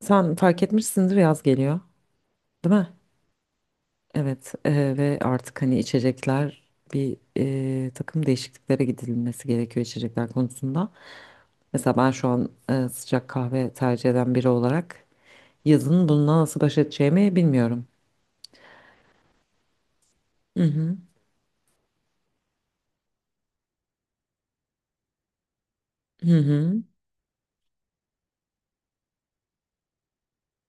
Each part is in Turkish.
Sen fark etmişsindir yaz geliyor, değil mi? Evet ve artık hani içecekler bir takım değişikliklere gidilmesi gerekiyor içecekler konusunda. Mesela ben şu an sıcak kahve tercih eden biri olarak yazın bununla nasıl baş edeceğimi bilmiyorum. Hı hı. Hı hı.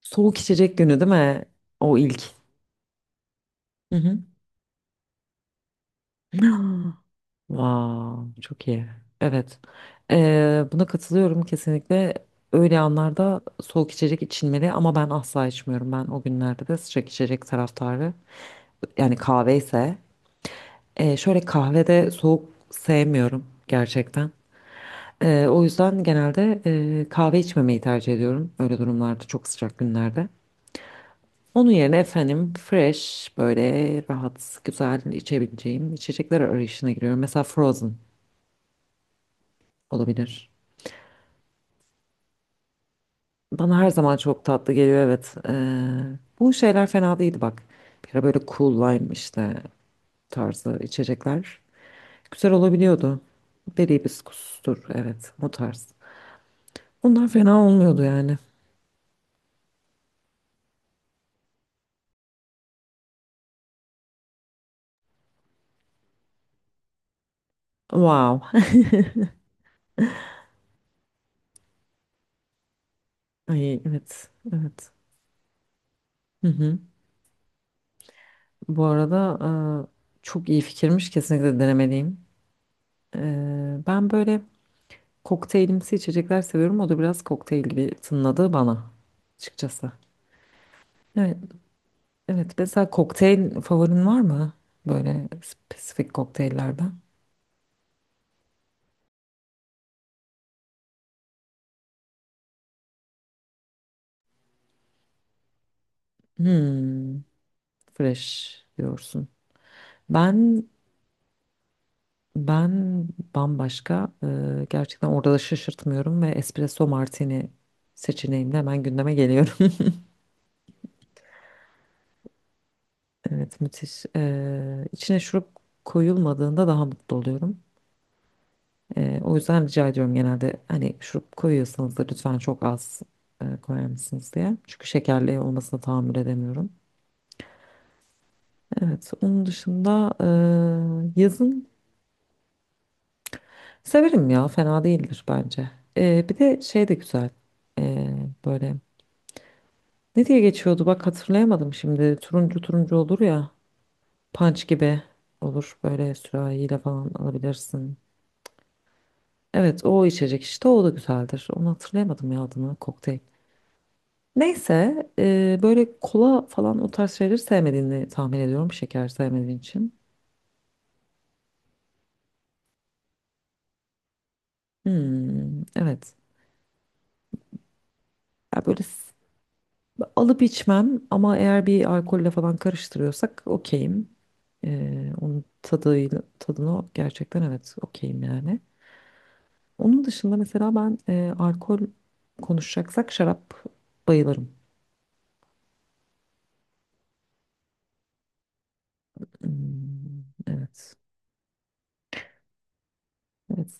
Soğuk içecek günü değil mi? O ilk. Hı hı. Wow, çok iyi. Evet. Buna katılıyorum kesinlikle. Öyle anlarda soğuk içecek içilmeli ama ben asla içmiyorum. Ben o günlerde de sıcak içecek taraftarı. Yani kahve ise şöyle kahvede soğuk sevmiyorum gerçekten. O yüzden genelde kahve içmemeyi tercih ediyorum. Öyle durumlarda çok sıcak günlerde. Onun yerine efendim fresh böyle rahat güzel içebileceğim içecekler arayışına giriyorum. Mesela Frozen olabilir. Bana her zaman çok tatlı geliyor, evet. Bu şeyler fena değildi bak. Bir ara böyle cool lime işte tarzı içecekler. Güzel olabiliyordu. Beri hibiskustur, evet, o tarz. Bunlar fena olmuyordu yani. Wow. Ay, evet, evet. Hı hı. Bu arada çok iyi fikirmiş, kesinlikle denemeliyim. Ben böyle kokteylimsi içecekler seviyorum. O da biraz kokteyl gibi tınladı bana açıkçası. Evet. Evet, mesela kokteyl favorin var mı? Böyle spesifik kokteyllerden. Hmm, fresh diyorsun. Ben ben bambaşka, gerçekten orada da şaşırtmıyorum ve espresso martini seçeneğimle hemen gündeme geliyorum. Evet, müthiş. E, içine şurup koyulmadığında daha mutlu oluyorum. O yüzden rica ediyorum, genelde hani şurup koyuyorsanız da lütfen çok az koyar mısınız diye. Çünkü şekerli olmasına tahammül edemiyorum. Evet, onun dışında yazın severim ya, fena değildir bence. Bir de şey de güzel, böyle ne diye geçiyordu, bak hatırlayamadım şimdi. Turuncu turuncu olur ya, punch gibi olur, böyle sürahiyle falan alabilirsin. Evet, o içecek işte, o da güzeldir. Onu hatırlayamadım ya adını, kokteyl. Neyse, böyle kola falan o tarz şeyleri sevmediğini tahmin ediyorum, şeker sevmediğin için. Hmm, evet. Ya böyle alıp içmem ama eğer bir alkolle falan karıştırıyorsak okeyim. Onun tadıyla, tadına gerçekten, evet, okeyim yani. Onun dışında mesela ben alkol konuşacaksak şarap bayılırım. Hmm, evet. Evet.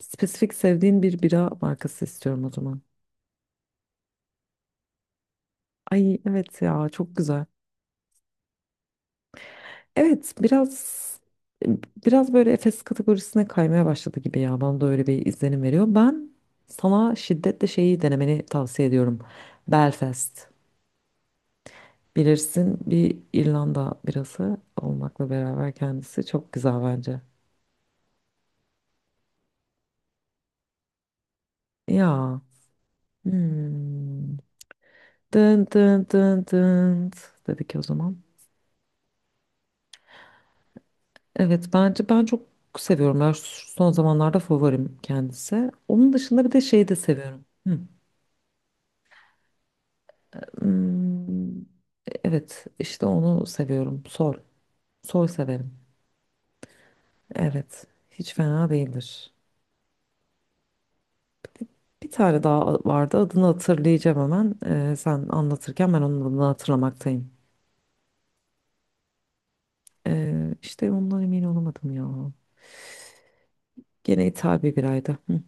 Spesifik sevdiğin bir bira markası istiyorum o zaman. Ay, evet ya, çok güzel. Evet, biraz böyle Efes kategorisine kaymaya başladı gibi ya. Bana da öyle bir izlenim veriyor. Ben sana şiddetle şeyi denemeni tavsiye ediyorum. Belfast. Bilirsin, bir İrlanda birası olmakla beraber kendisi çok güzel bence. Ya. Hmm. Dın dın dın dın dedik o zaman. Evet, bence ben çok seviyorum. Ben son zamanlarda favorim kendisi. Onun dışında bir de şeyi de seviyorum. Hı. Hmm, evet, işte onu seviyorum. Sol. Sol severim. Evet. Hiç fena değildir. Bir bir tane daha vardı. Adını hatırlayacağım hemen. Sen anlatırken ben onun adını hatırlamaktayım. İşte ondan emin olamadım ya. Gene ithal bir biraydı. Hı.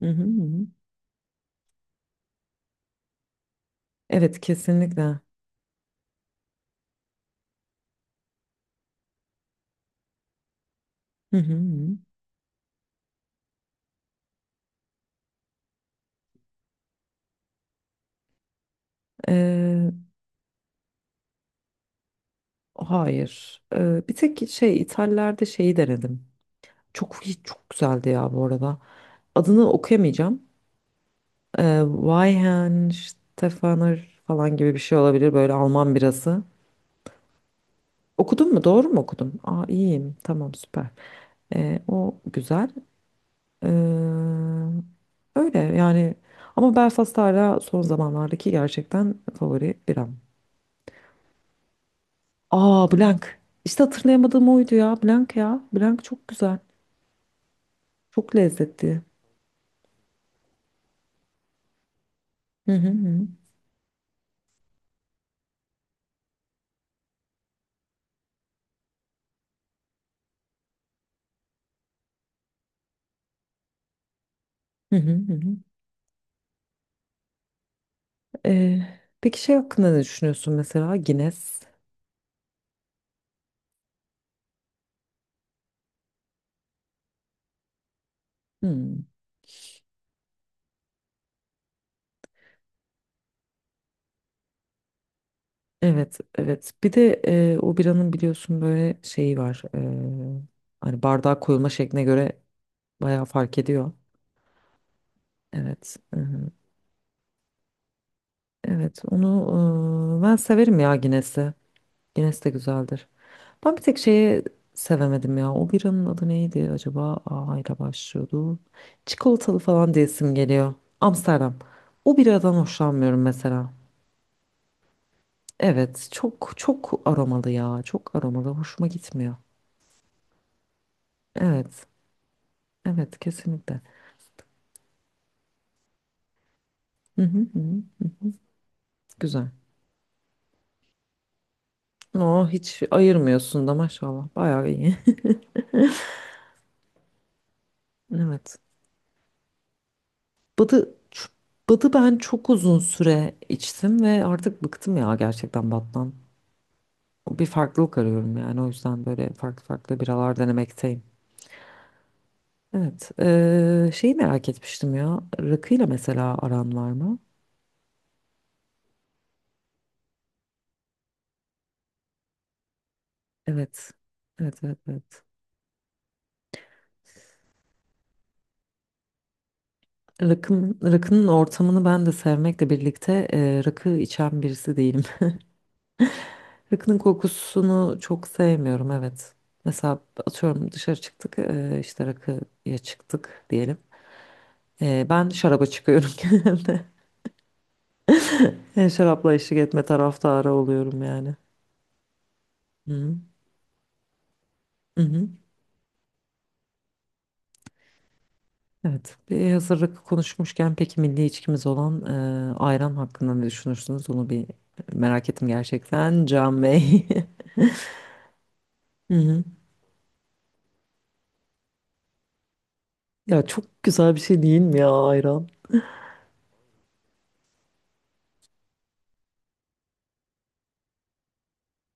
Hı hı hı. Evet, kesinlikle. Hı hı hı. Ee, hayır. Bir tek şey, İtalya'da şeyi denedim. Çok çok güzeldi ya bu arada. Adını okuyamayacağım. Weihenstephaner falan gibi bir şey olabilir, böyle Alman birası. Okudun mu? Doğru mu okudum? Aa, iyiyim. Tamam, süper. O güzel. Ee, öyle yani, ama Belfast hala son zamanlardaki gerçekten favori biram. Aa, blank. İşte hatırlayamadığım oydu ya. Blank ya. Blank çok güzel. Çok lezzetli. Hı hı hı. Hı hı hı. Hı. Ee, peki şey hakkında ne düşünüyorsun mesela? Guinness. Hmm. Evet, evet. Bir de o biranın biliyorsun böyle şeyi var. Hani bardağa koyulma şekline göre bayağı fark ediyor. Evet. Hı hı. Evet, onu ben severim ya Guinness'i. Guinness de güzeldir. Ben bir tek şeyi sevemedim ya. O biranın adı neydi acaba? A ile başlıyordu. Çikolatalı falan diye isim geliyor. Amsterdam. O biradan hoşlanmıyorum mesela. Evet, çok çok aromalı ya. Çok aromalı. Hoşuma gitmiyor. Evet. Evet, kesinlikle. Hı hı hı. Hı. Güzel. O hiç ayırmıyorsun da maşallah. Bayağı iyi. Evet. Badı, ç- badı ben çok uzun süre içtim ve artık bıktım ya gerçekten battan. Bir farklılık arıyorum yani, o yüzden böyle farklı farklı biralar denemekteyim. Evet. Şeyi merak etmiştim ya. Rakıyla mesela aran var mı? Evet. Evet, evet, evet. Rakının ortamını ben de sevmekle birlikte rakı içen birisi değilim. Rakının kokusunu çok sevmiyorum, evet. Mesela atıyorum dışarı çıktık, işte rakıya çıktık diyelim. Ben şaraba çıkıyorum genelde. Şarapla eşlik etme taraftarı oluyorum yani. Hı hı. Evet. Bir hazır rakı konuşmuşken, peki milli içkimiz olan ayran hakkında ne düşünürsünüz? Onu bir merak ettim gerçekten, Can Bey. Hı hı. Ya çok güzel bir şey değil mi ya ayran?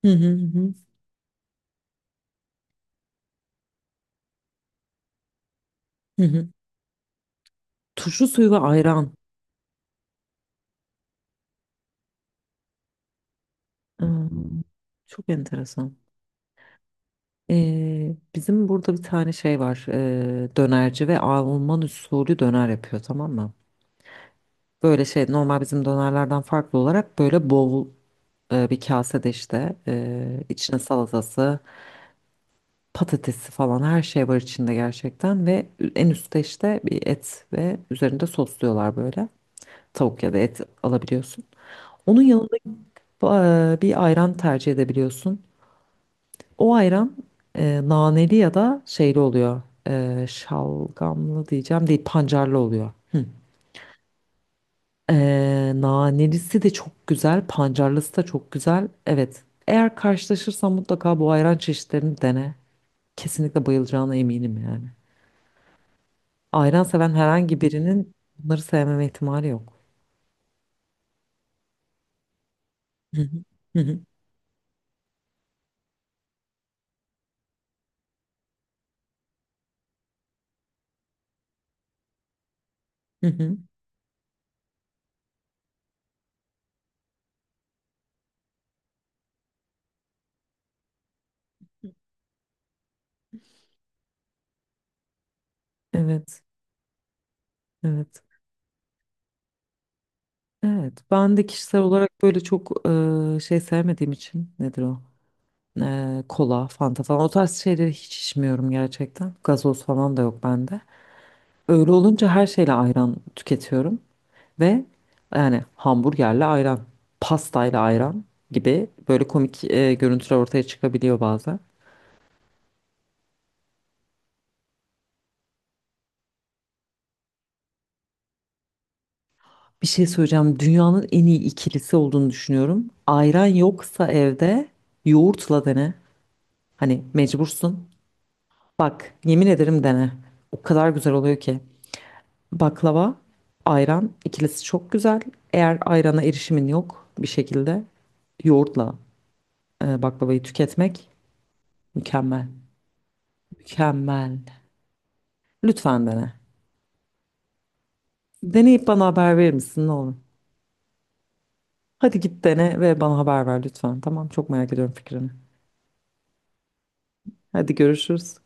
Hı hı hı. Hı. Hı. Turşu suyu ve ayran. Aa, çok enteresan. Bizim burada bir tane şey var. Dönerci ve Alman usulü döner yapıyor, tamam mı? Böyle şey, normal bizim dönerlerden farklı olarak böyle bol bir kasede, işte içine salatası, patatesi falan her şey var içinde gerçekten, ve en üstte işte bir et, ve üzerinde sosluyorlar böyle. Tavuk ya da et alabiliyorsun. Onun yanında bir ayran tercih edebiliyorsun. O ayran naneli ya da şeyli oluyor. Şalgamlı diyeceğim değil, pancarlı oluyor. Hı. Nanelisi de çok güzel, pancarlısı da çok güzel. Evet. Eğer karşılaşırsan mutlaka bu ayran çeşitlerini dene. Kesinlikle bayılacağına eminim yani. Ayran seven herhangi birinin bunları sevmeme ihtimali yok. Hı hı. Hı hı. Hı hı. Evet. Evet. Evet. Ben de kişisel olarak böyle çok şey sevmediğim için, nedir o? Kola, fanta falan o tarz şeyleri hiç içmiyorum gerçekten. Gazoz falan da yok bende. Öyle olunca her şeyle ayran tüketiyorum, ve yani hamburgerle ayran, pastayla ayran gibi böyle komik görüntüler ortaya çıkabiliyor bazen. Bir şey söyleyeceğim. Dünyanın en iyi ikilisi olduğunu düşünüyorum. Ayran yoksa evde yoğurtla dene. Hani mecbursun. Bak, yemin ederim, dene. O kadar güzel oluyor ki. Baklava, ayran ikilisi çok güzel. Eğer ayrana erişimin yok bir şekilde, yoğurtla baklavayı tüketmek mükemmel. Mükemmel. Lütfen dene. Deneyip bana haber verir misin, ne olur? Hadi git dene ve bana haber ver lütfen. Tamam, çok merak ediyorum fikrini. Hadi görüşürüz.